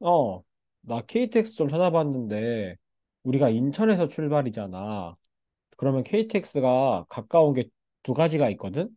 어, 나 KTX 좀 찾아봤는데, 우리가 인천에서 출발이잖아. 그러면 KTX가 가까운 게 두 가지가 있거든?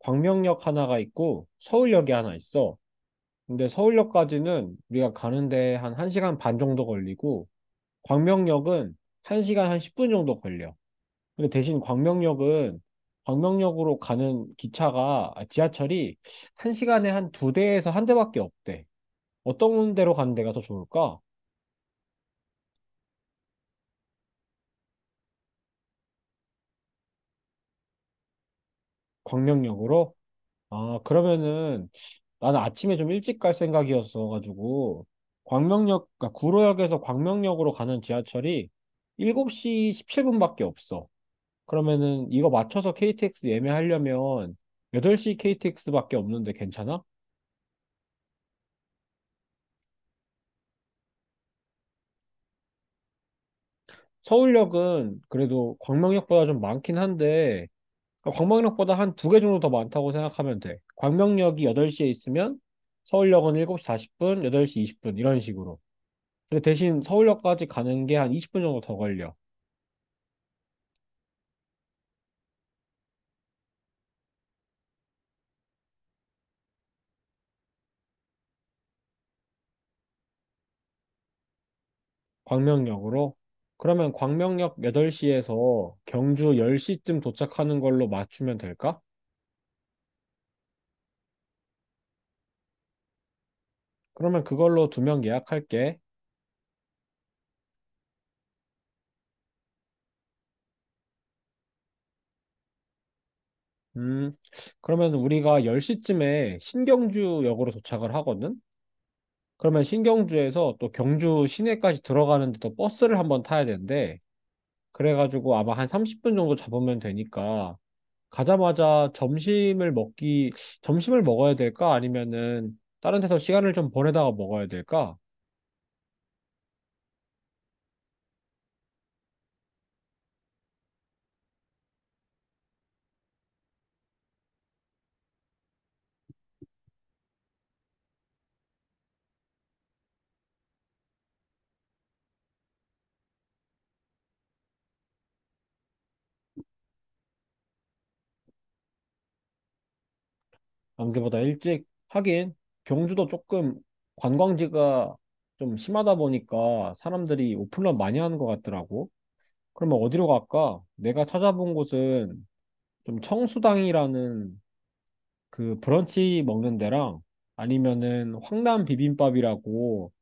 광명역 하나가 있고, 서울역이 하나 있어. 근데 서울역까지는 우리가 가는데 한 1시간 반 정도 걸리고, 광명역은 1시간 한 10분 정도 걸려. 근데 대신 광명역은, 광명역으로 가는 지하철이 1시간에 한 두 대에서 한 대밖에 없대. 어떤 데로 가는 데가 더 좋을까? 광명역으로? 아, 그러면은 나는 아침에 좀 일찍 갈 생각이었어가지고 광명역, 그러니까 구로역에서 광명역으로 가는 지하철이 7시 17분밖에 없어. 그러면은 이거 맞춰서 KTX 예매하려면 8시 KTX밖에 없는데 괜찮아? 서울역은 그래도 광명역보다 좀 많긴 한데 그러니까 광명역보다 한 두 개 정도 더 많다고 생각하면 돼. 광명역이 8시에 있으면 서울역은 7시 40분, 8시 20분 이런 식으로. 근데 대신 서울역까지 가는 게 한 20분 정도 더 걸려. 광명역으로. 그러면 광명역 8시에서 경주 10시쯤 도착하는 걸로 맞추면 될까? 그러면 그걸로 두 명 예약할게. 음, 그러면 우리가 10시쯤에 신경주역으로 도착을 하거든? 그러면 신경주에서 또 경주 시내까지 들어가는데 또 버스를 한번 타야 되는데, 그래가지고 아마 한 30분 정도 잡으면 되니까 가자마자 점심을 먹어야 될까? 아니면은 다른 데서 시간을 좀 보내다가 먹어야 될까? 남들보다 일찍 하긴 경주도 조금 관광지가 좀 심하다 보니까 사람들이 오픈런 많이 하는 것 같더라고. 그러면 어디로 갈까? 내가 찾아본 곳은 좀 청수당이라는 그 브런치 먹는 데랑 아니면은 황남 비빔밥이라고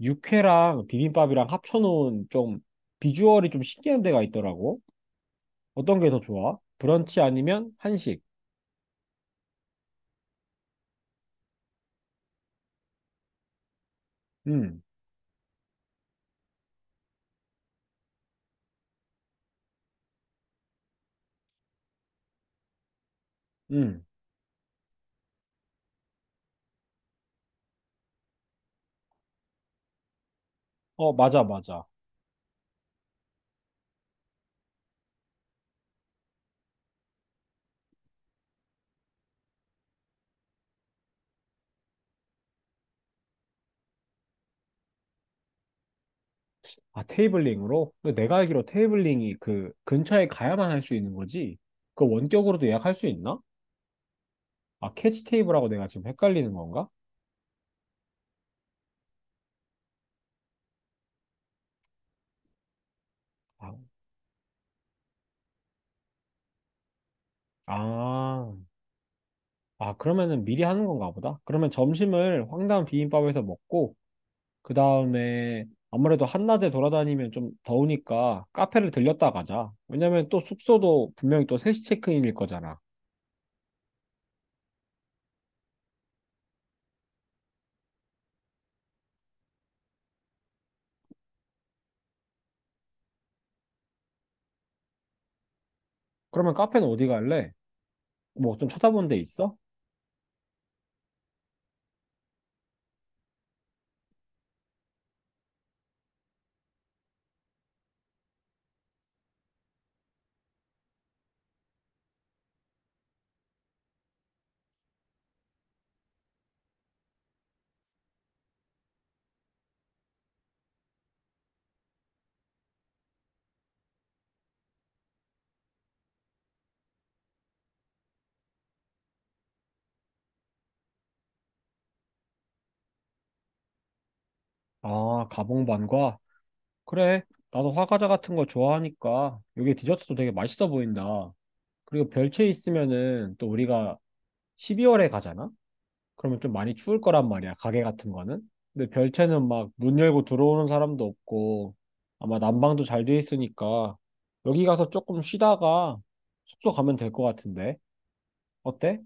육회랑 비빔밥이랑 합쳐놓은 좀 비주얼이 좀 신기한 데가 있더라고. 어떤 게 더 좋아? 브런치 아니면 한식? 음, 음. 어, 맞아, 맞아. 아, 테이블링으로? 근데 내가 알기로 테이블링이 그 근처에 가야만 할 수 있는 거지? 그 원격으로도 예약할 수 있나? 아, 캐치 테이블하고 내가 지금 헷갈리는 건가? 아, 아, 아, 그러면은 미리 하는 건가 보다. 그러면 점심을 황당 비빔밥에서 먹고, 그 다음에 아무래도 한낮에 돌아다니면 좀 더우니까 카페를 들렸다 가자. 왜냐면 또 숙소도 분명히 또 3시 체크인일 거잖아. 그러면 카페는 어디 갈래? 뭐 좀 찾아본 데 있어? 아, 가봉반과? 그래. 나도 화과자 같은 거 좋아하니까 여기 디저트도 되게 맛있어 보인다. 그리고 별채 있으면은 또 우리가 12월에 가잖아? 그러면 좀 많이 추울 거란 말이야, 가게 같은 거는. 근데 별채는 막 문 열고 들어오는 사람도 없고 아마 난방도 잘 돼 있으니까 여기 가서 조금 쉬다가 숙소 가면 될 것 같은데. 어때?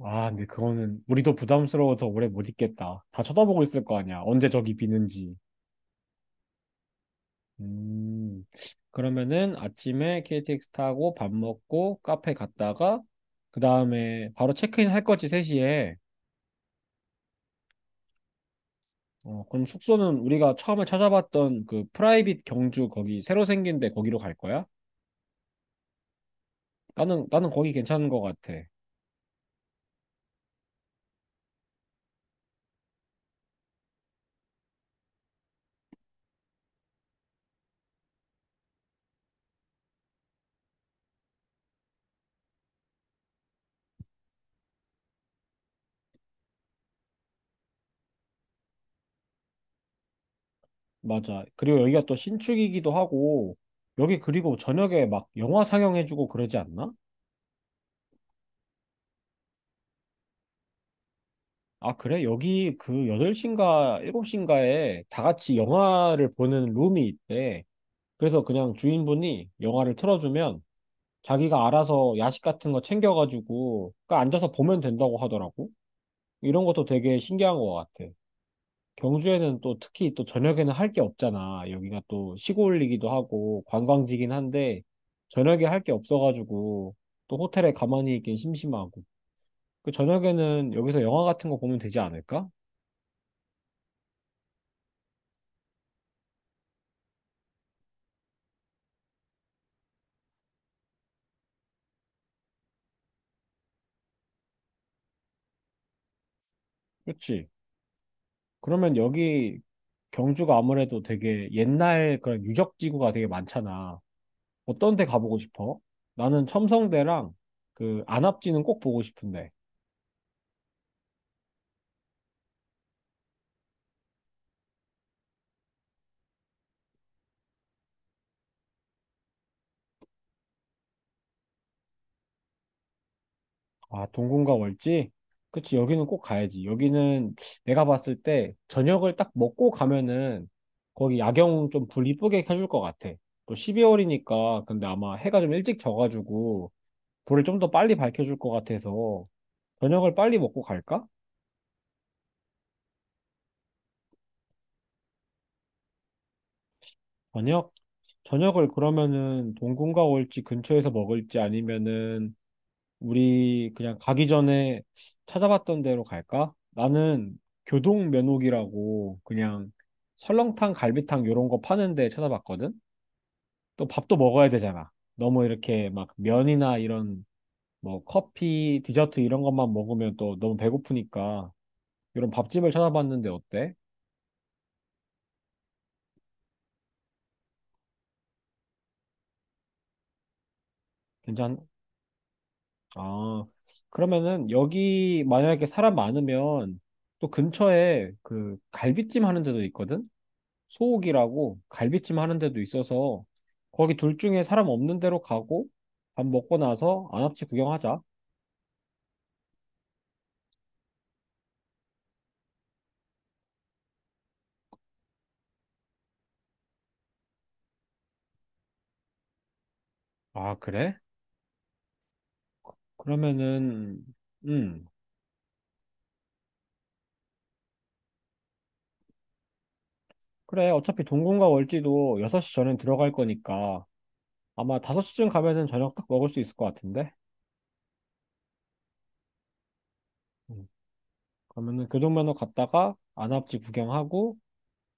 아, 근데 그거는 우리도 부담스러워서 오래 못 있겠다. 다 쳐다보고 있을 거 아니야. 언제 저기 비는지. 음, 그러면은 아침에 KTX 타고 밥 먹고 카페 갔다가 그 다음에 바로 체크인 할 거지 3시에. 어, 그럼 숙소는 우리가 처음에 찾아봤던 그 프라이빗 경주 거기 새로 생긴 데 거기로 갈 거야? 나는 거기 괜찮은 것 같아. 맞아. 그리고 여기가 또 신축이기도 하고 여기 그리고 저녁에 막 영화 상영해주고 그러지 않나? 아, 그래? 여기 그 8시인가 7시인가에 다 같이 영화를 보는 룸이 있대. 그래서 그냥 주인분이 영화를 틀어주면 자기가 알아서 야식 같은 거 챙겨가지고 그 앉아서 보면 된다고 하더라고. 이런 것도 되게 신기한 것 같아. 경주에는 또 특히 또 저녁에는 할 게 없잖아. 여기가 또 시골이기도 하고 관광지긴 한데 저녁에 할 게 없어가지고 또 호텔에 가만히 있긴 심심하고. 그 저녁에는 여기서 영화 같은 거 보면 되지 않을까? 그렇지. 그러면 여기 경주가 아무래도 되게 옛날 그런 유적지구가 되게 많잖아. 어떤 데 가보고 싶어? 나는 첨성대랑 그 안압지는 꼭 보고 싶은데. 아, 동궁과 월지? 그치, 여기는 꼭 가야지. 여기는 내가 봤을 때 저녁을 딱 먹고 가면은 거기 야경 좀 불 이쁘게 켜줄 것 같아. 또 12월이니까 근데 아마 해가 좀 일찍 져가지고 불을 좀 더 빨리 밝혀줄 것 같아서 저녁을 빨리 먹고 갈까? 저녁? 저녁을 그러면은 동궁과 월지 근처에서 먹을지 아니면은 우리 그냥 가기 전에 찾아봤던 데로 갈까? 나는 교동 면옥이라고 그냥 설렁탕, 갈비탕 요런 거 파는 데 찾아봤거든? 또 밥도 먹어야 되잖아. 너무 이렇게 막 면이나 이런 뭐 커피, 디저트 이런 것만 먹으면 또 너무 배고프니까 이런 밥집을 찾아봤는데 어때? 괜찮? 아, 그러면은 여기 만약에 사람 많으면 또 근처에 그 갈비찜 하는 데도 있거든? 소옥이라고 갈비찜 하는 데도 있어서 거기 둘 중에 사람 없는 데로 가고 밥 먹고 나서 안압지 구경하자. 아, 그래? 그러면은, 음, 그래. 어차피 동궁과 월지도 6시 전엔 들어갈 거니까 아마 5시쯤 가면은 저녁 딱 먹을 수 있을 것 같은데? 음, 그러면은 교동면허 갔다가 안압지 구경하고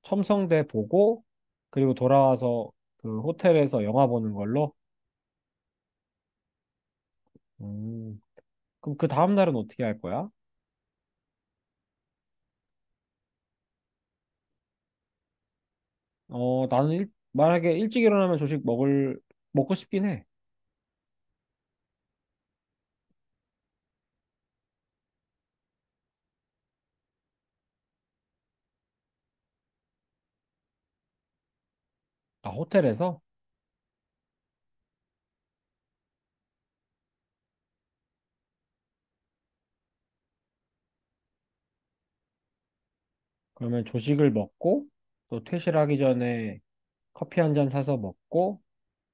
첨성대 보고 그리고 돌아와서 그 호텔에서 영화 보는 걸로? 음, 그럼 그 다음날은 어떻게 할 거야? 어, 나는 만약에 일찍 일어나면 조식 먹고 싶긴 해. 나 호텔에서? 그러면 조식을 먹고, 또 퇴실하기 전에 커피 한 잔 사서 먹고,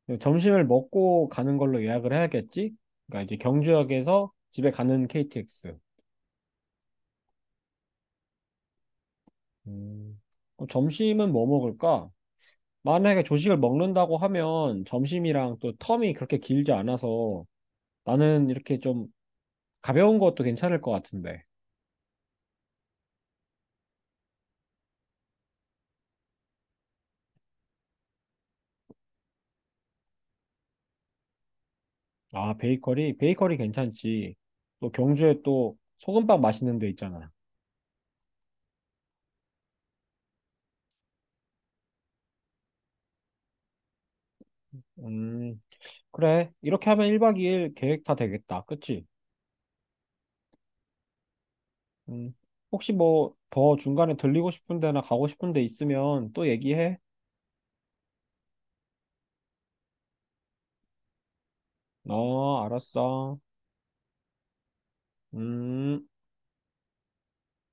그리고 점심을 먹고 가는 걸로 예약을 해야겠지? 그러니까 이제 경주역에서 집에 가는 KTX. 음. 점심은 뭐 먹을까? 만약에 조식을 먹는다고 하면 점심이랑 또 텀이 그렇게 길지 않아서 나는 이렇게 좀 가벼운 것도 괜찮을 것 같은데. 아, 베이커리? 베이커리 괜찮지. 또 경주에 또 소금빵 맛있는 데 있잖아. 음, 그래. 이렇게 하면 1박 2일 계획 다 되겠다. 그치? 음, 혹시 뭐 더 중간에 들리고 싶은 데나 가고 싶은 데 있으면 또 얘기해. 어, 알았어. 음.